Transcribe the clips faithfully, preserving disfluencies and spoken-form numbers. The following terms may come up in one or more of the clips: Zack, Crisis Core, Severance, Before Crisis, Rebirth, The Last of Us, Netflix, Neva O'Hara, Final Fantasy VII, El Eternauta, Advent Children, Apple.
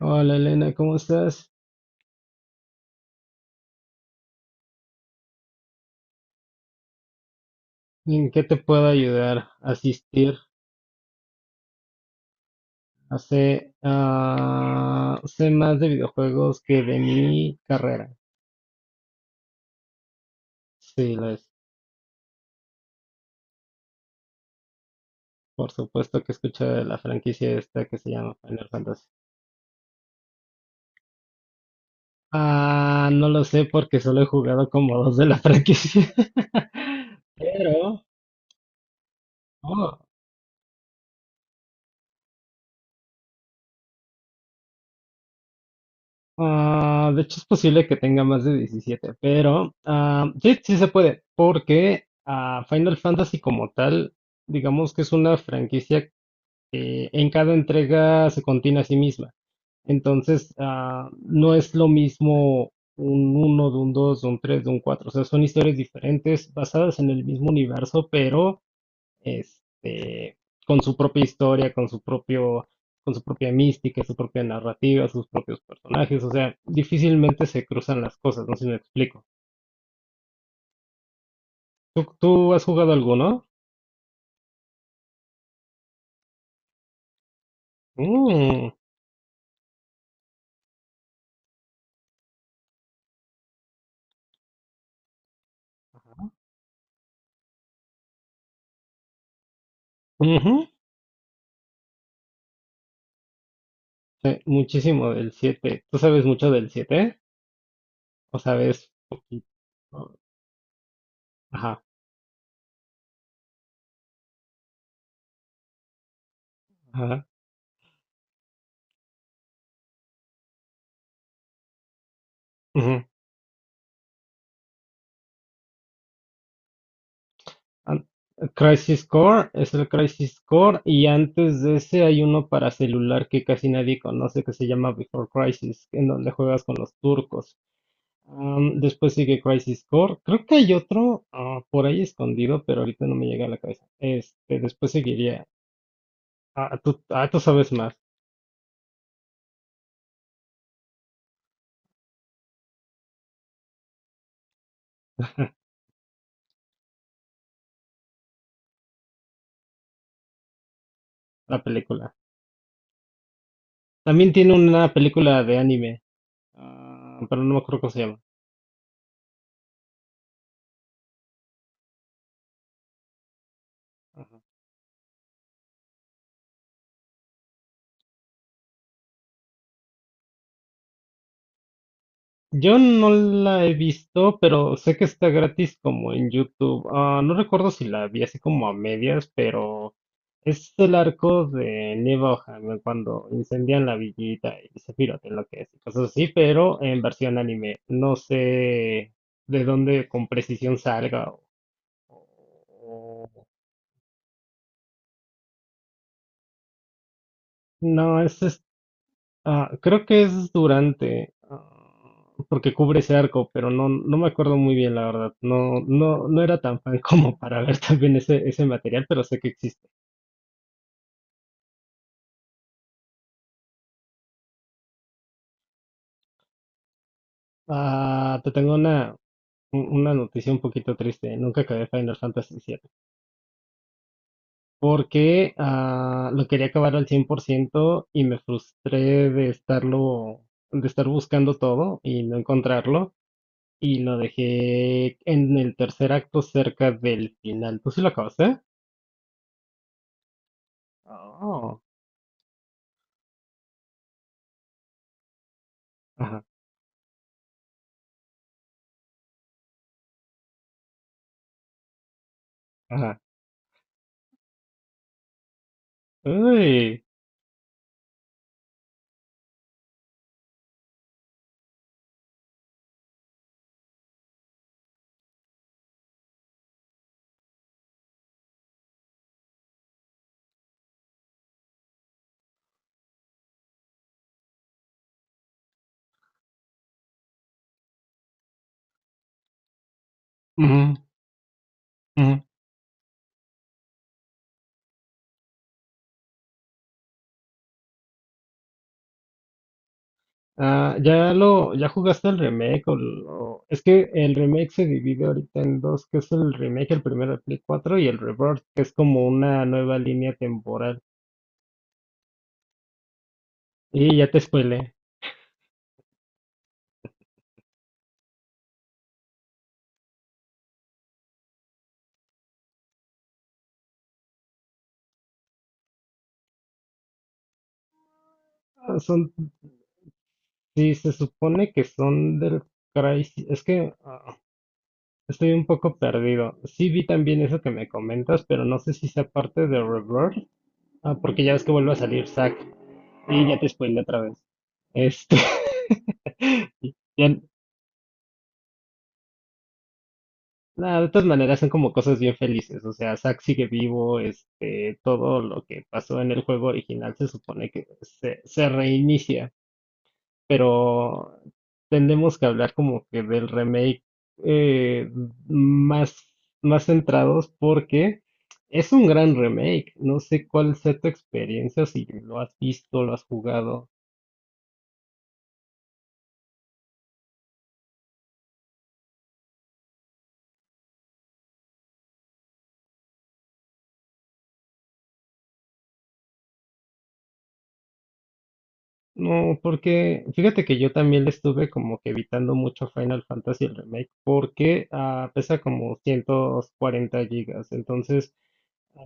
Hola Elena, ¿cómo estás? ¿En qué te puedo ayudar? Asistir. Hace, ah, sé más de videojuegos que de mi carrera. Sí, lo es. Por supuesto que he escuchado de la franquicia esta que se llama Final Fantasy. Ah, no lo sé porque solo he jugado como dos de la franquicia. Pero, oh. Ah, de hecho, es posible que tenga más de diecisiete, pero ah, sí, sí se puede, porque ah, Final Fantasy como tal, digamos que es una franquicia que en cada entrega se contiene a sí misma. Entonces, ah, no es lo mismo un uno, de un dos, de un tres, de un cuatro. O sea, son historias diferentes basadas en el mismo universo, pero este, con su propia historia, con su propio, con su propia mística, su propia narrativa, sus propios personajes, o sea, difícilmente se cruzan las cosas, no sé si me explico. ¿Tú, tú has jugado alguno? Mm. Ujú. Sí, muchísimo del siete. ¿Tú sabes mucho del siete? ¿O sabes poquito? Ajá, ajá. Ujú. An- Crisis Core es el Crisis Core y antes de ese hay uno para celular que casi nadie conoce que se llama Before Crisis, en donde juegas con los turcos. Am, después sigue Crisis Core. Creo que hay otro ah, por ahí escondido, pero ahorita no me llega a la cabeza. Este, después seguiría. Ah, tú, ah, tú sabes más. La película. También tiene una película de anime, ah, pero no me acuerdo cómo se llama. Yo no la he visto, pero sé que está gratis como en YouTube. Ah, no recuerdo si la vi así como a medias, pero es el arco de Neva O'Hara cuando incendian la villita y se pirote lo que es y cosas así, pero en versión anime. No sé de dónde con precisión salga. o- o- No, es. Ah, creo que es durante, ah, porque cubre ese arco, pero no, no me acuerdo muy bien, la verdad. No, no, no era tan fan como para ver también ese, ese material, pero sé que existe. Ah, te tengo una, un- una noticia un poquito triste. Nunca acabé Final Fantasy siete, porque ah, lo quería acabar al cien por ciento y me frustré de estarlo, de estar buscando todo y no encontrarlo. Y lo dejé en el tercer acto cerca del final. ¿Tú sí lo acabaste? Oh, ajá, ajá. Uy. Ujú, ujú. Ah, ya lo, ya jugaste el remake, o lo- es que el remake se divide ahorita en dos, que es el remake, el primero de Play cuatro y el Rebirth, que es como una nueva línea temporal. Y ya te spoilé. Ah, Son, sí, se supone que son del Crysis, es que ah, estoy un poco perdido. Sí vi también eso que me comentas, pero no sé si sea parte de Rebirth. Ah, porque ya ves que vuelve a salir Zack. Y ya te spoilé otra vez. Este. Ya- nah, de todas maneras son como cosas bien felices. O sea, Zack sigue vivo. Este, todo lo que pasó en el juego original se supone que se, se reinicia. Pero tenemos que hablar como que del remake, eh, más, más centrados porque es un gran remake. No sé cuál sea tu experiencia, si lo has visto, lo has jugado. No, porque fíjate que yo también le estuve como que evitando mucho Final Fantasy el remake, porque ah, pesa como ciento cuarenta gigas, entonces ah,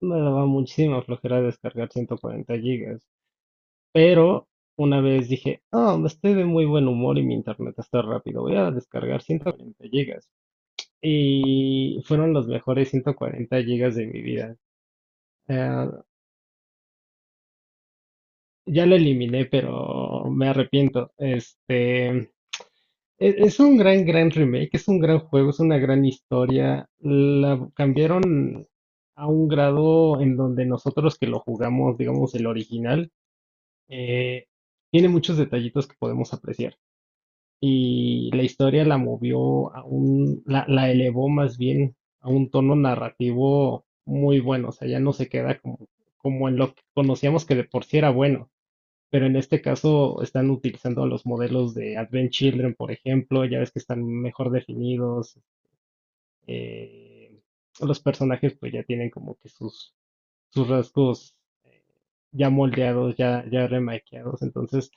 me daba muchísima flojera descargar ciento cuarenta gigas. Pero una vez dije, ah, estoy de muy buen humor y mi internet está rápido, voy a descargar ciento cuarenta gigas. Y fueron los mejores ciento cuarenta gigas de mi vida. Eh, ya lo eliminé, pero me arrepiento. Este. E- Es un gran, gran remake, es un gran juego, es una gran historia. La cambiaron a un grado en donde nosotros que lo jugamos, digamos, el original, eh, tiene muchos detallitos que podemos apreciar. Y la historia la movió a un, la, la elevó más bien a un tono narrativo muy bueno. O sea, ya no se queda como, como en lo que conocíamos, que de por sí era bueno. Pero en este caso están utilizando los modelos de Advent Children, por ejemplo, ya ves que están mejor definidos. eh, los personajes pues ya tienen como que sus, sus rasgos, eh, ya moldeados, ya, ya remaqueados. Entonces,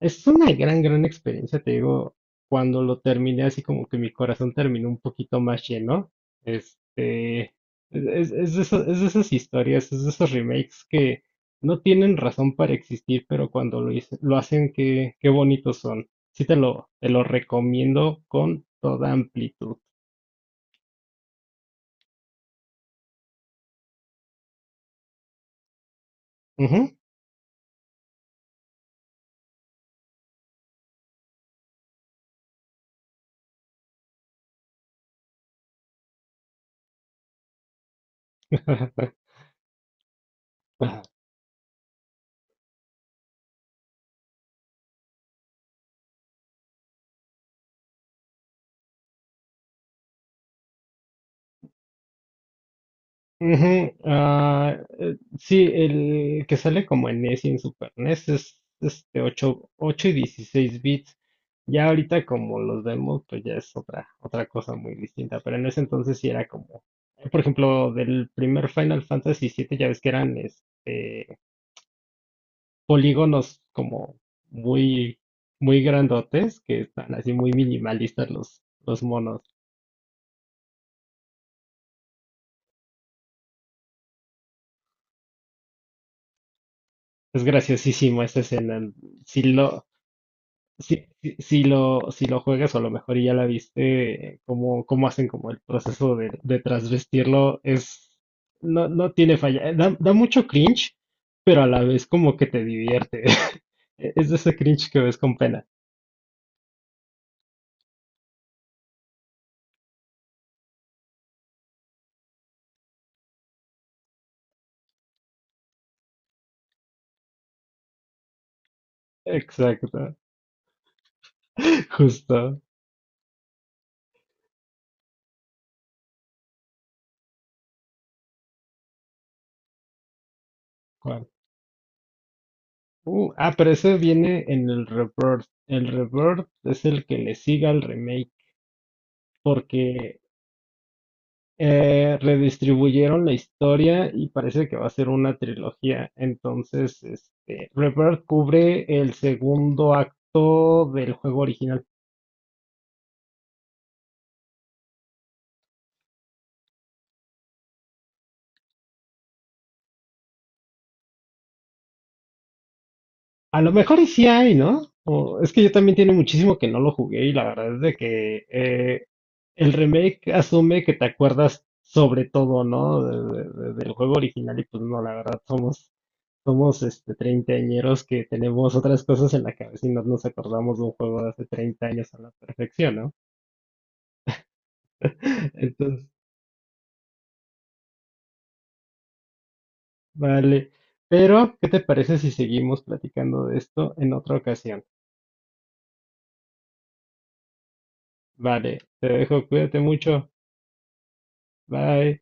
es una gran, gran experiencia, te digo, cuando lo terminé así como que mi corazón terminó un poquito más lleno. Este, es, es de esa- es de esas historias, es de esos remakes que no tienen razón para existir, pero cuando lo, hice- lo hacen, qué, qué bonitos son. Sí te lo, te lo recomiendo con toda amplitud. Ujú. Ujú. Ah, eh, sí, el que sale como en NES y en Super NES es este ocho ocho y dieciséis bits. Ya ahorita como los vemos, pues ya es otra, otra cosa muy distinta. Pero en ese entonces sí era como, eh, por ejemplo, del primer Final Fantasy siete ya ves que eran este polígonos como muy, muy grandotes, que están así muy minimalistas los, los monos. Es graciosísimo esa escena. Si lo, Si, si, si lo, si lo juegas o a lo mejor ya la viste, eh, cómo, cómo hacen como el proceso de, de transvestirlo, es, no, no tiene falla. Eh, Da, da mucho cringe, pero a la vez como que te divierte. E- Es de ese cringe que ves con pena. Exacto, justo. ¿Cuál? Uh, ah, pero ese viene en el Rebirth. El Rebirth es el que le sigue al remake, porque Eh, redistribuyeron la historia y parece que va a ser una trilogía. Entonces, este, Rebirth cubre el segundo acto del juego original. A lo mejor y sí hay, ¿no? O- es que yo también tiene muchísimo que no lo jugué y la verdad es de que eh, el remake asume que te acuerdas sobre todo, ¿no? De- de- de- del juego original y pues no, la verdad somos, somos este treintañeros que tenemos otras cosas en la cabeza y no nos acordamos de un juego de hace treinta años a la perfección, ¿no? Entonces, vale. Pero, ¿qué te parece si seguimos platicando de esto en otra ocasión? Vale, te dejo, cuídate mucho. Bye.